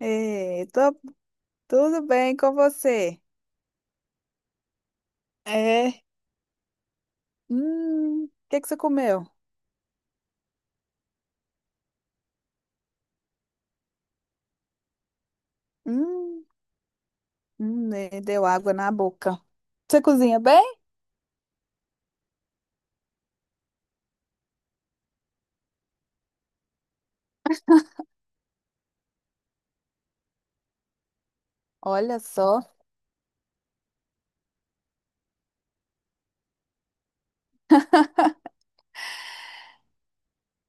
Ei, tô, tudo bem com você? É. O que que você comeu? Hum, deu água na boca. Você cozinha bem? Olha só,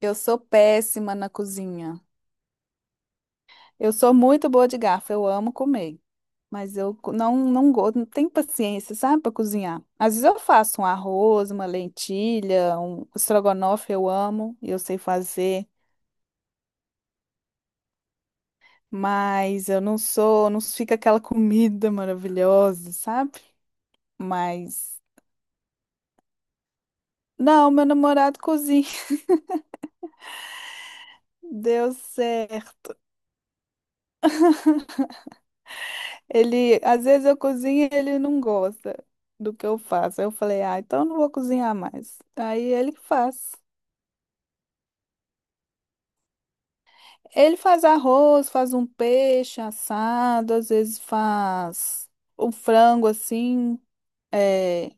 eu sou péssima na cozinha. Eu sou muito boa de garfo, eu amo comer, mas não gosto, não tenho paciência, sabe, para cozinhar. Às vezes eu faço um arroz, uma lentilha, um estrogonofe, eu amo, eu sei fazer, mas eu não sou, não fica aquela comida maravilhosa, sabe? Mas não, meu namorado cozinha. Deu certo. Ele, às vezes eu cozinho e ele não gosta do que eu faço. Aí eu falei, ah, então eu não vou cozinhar mais. Aí ele que faz. Ele faz arroz, faz um peixe assado, às vezes faz um frango assim, é,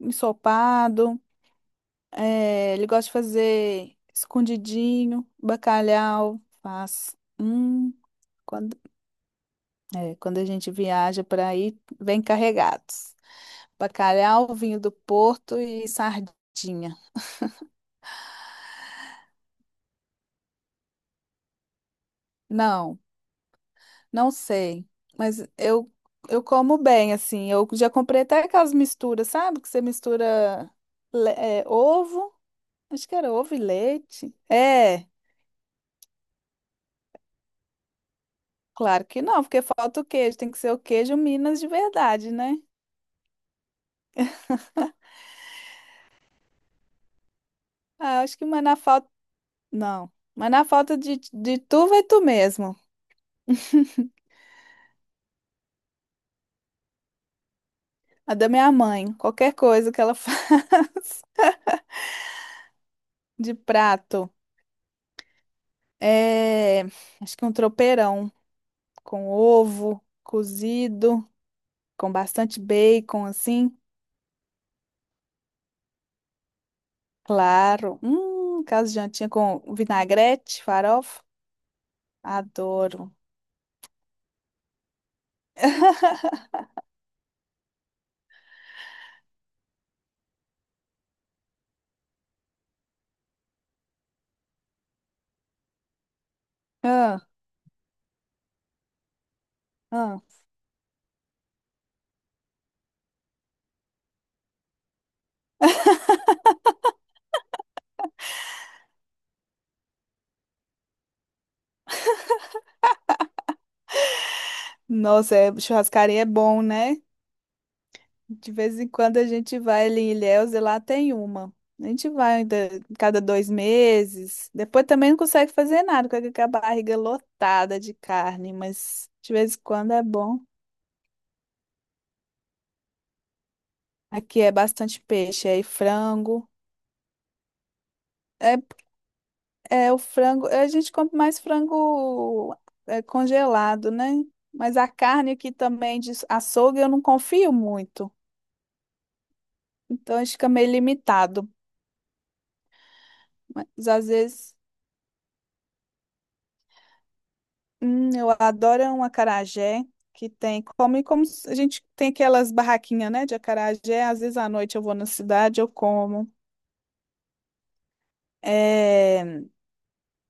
ensopado. É, ele gosta de fazer escondidinho, bacalhau, faz. Quando É, quando a gente viaja para aí, vem carregados. Bacalhau, vinho do Porto e sardinha. Não, não sei. Mas eu como bem, assim. Eu já comprei até aquelas misturas, sabe? Que você mistura é, ovo. Acho que era ovo e leite. É, claro que não, porque falta o queijo. Tem que ser o queijo Minas de verdade, né? Ah, acho que mas na falta. Não. Mas na falta de tu, vai tu mesmo. A da minha mãe, qualquer coisa que ela faz de prato. É, acho que um tropeirão com ovo cozido, com bastante bacon, assim. Claro. Caso de jantinha com vinagrete, farofa. Adoro. Ah, ah. Nossa, churrascaria é bom, né? De vez em quando a gente vai ali em Ilhéus e lá tem uma. A gente vai ainda cada dois meses. Depois também não consegue fazer nada, com aquela barriga lotada de carne, mas de vez em quando é bom. Aqui é bastante peixe, aí frango. É, é o frango, a gente compra mais frango é, congelado, né? Mas a carne aqui também de açougue eu não confio muito. Então a gente fica meio limitado. Mas às vezes. Eu adoro um acarajé que tem come como se- a gente tem aquelas barraquinhas, né, de acarajé. Às vezes à noite eu vou na cidade, eu como. É,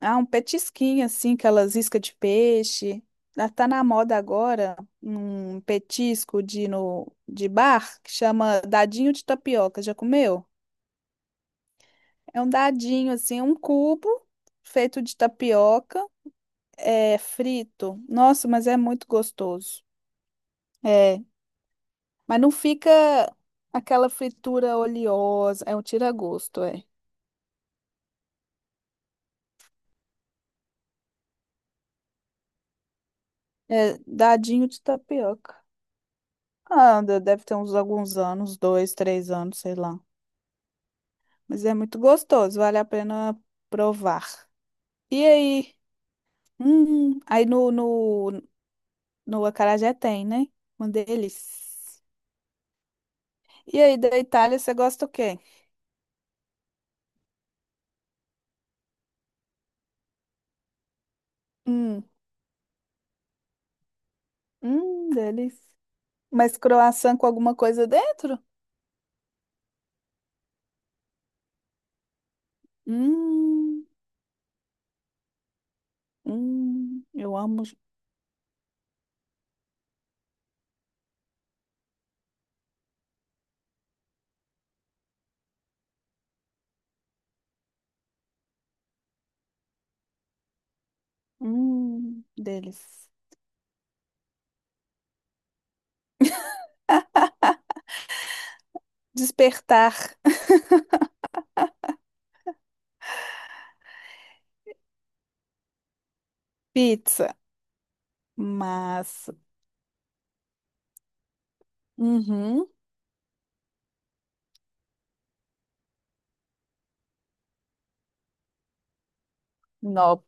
ah, um petisquinho assim, aquelas iscas de peixe. Ah, tá na moda agora um petisco de no de bar que chama dadinho de tapioca. Já comeu? É um dadinho assim, um cubo feito de tapioca, é frito. Nossa, mas é muito gostoso. É, mas não fica aquela fritura oleosa. É um tira-gosto, é. É dadinho de tapioca. Ah, deve ter uns alguns anos, dois, três anos, sei lá. Mas é muito gostoso, vale a pena provar. E aí? Aí no acarajé tem, né? Um deles. E aí, da Itália, você gosta o quê? Hum, delícia. Mas croissant com alguma coisa dentro? Hum, eu amo. Deles. Despertar. Pizza. Massa. Uhum. Não,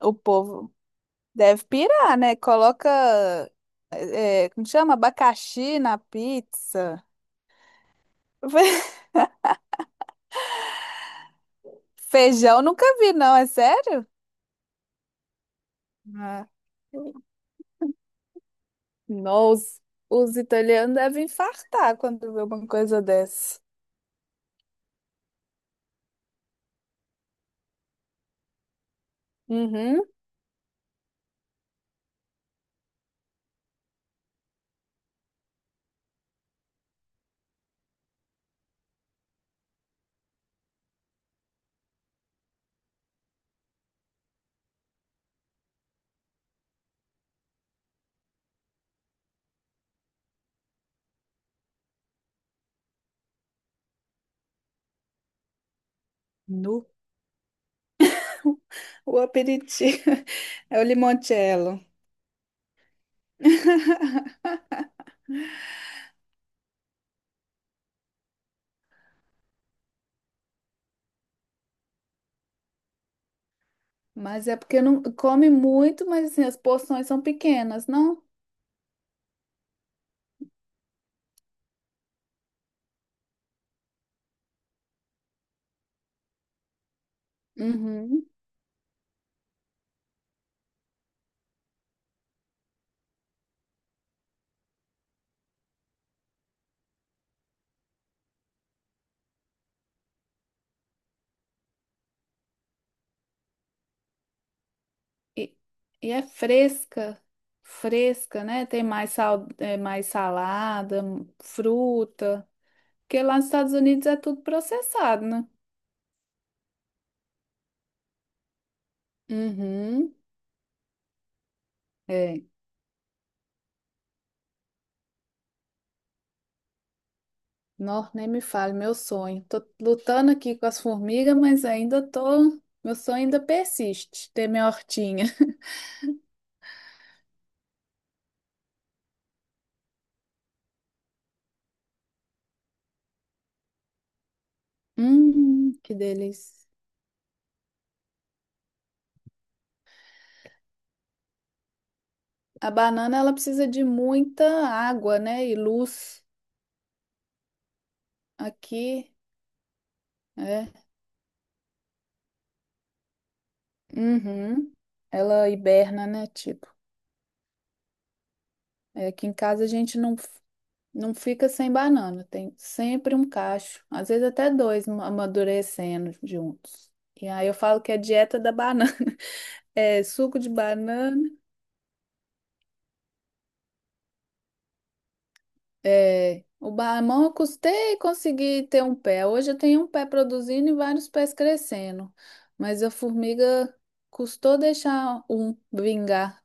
o povo deve pirar, né? Coloca, como chama? Abacaxi na pizza. Feijão nunca vi, não, é sério? Ah. Não, os italianos devem infartar quando vê uma coisa dessa. Uhum. Nu. O aperitivo é o limoncello. Mas é porque não come muito, mas assim, as porções são pequenas, não? Uhum. E, e é fresca, fresca, né? Tem mais sal, é, mais salada, fruta. Porque lá nos Estados Unidos é tudo processado, né? Uhum. É. Não, nem me fale, meu sonho. Tô lutando aqui com as formigas, mas ainda tô. Meu sonho ainda persiste, ter minha hortinha. Que delícia. A banana ela precisa de muita água, né? E luz aqui, é. Uhum. Ela hiberna, né? Tipo, é, aqui em casa a gente não, não fica sem banana, tem sempre um cacho, às vezes até dois amadurecendo juntos. E aí eu falo que é dieta da banana, é suco de banana. É, o mamão eu custei conseguir ter um pé. Hoje eu tenho um pé produzindo e vários pés crescendo. Mas a formiga custou deixar um vingar.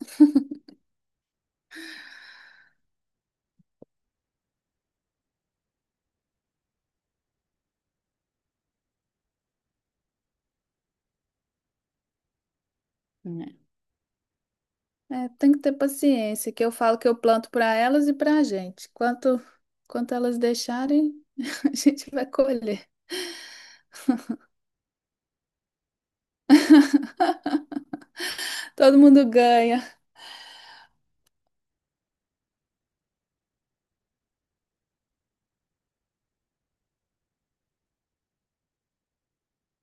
Né? É, tem que ter paciência, que eu falo que eu planto para elas e para a gente. Quanto elas deixarem, a gente vai colher. Todo mundo ganha.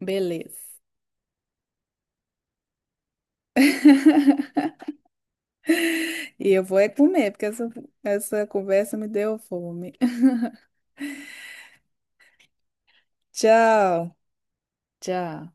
Beleza. E eu vou é comer, porque essa conversa me deu fome. Tchau. Tchau.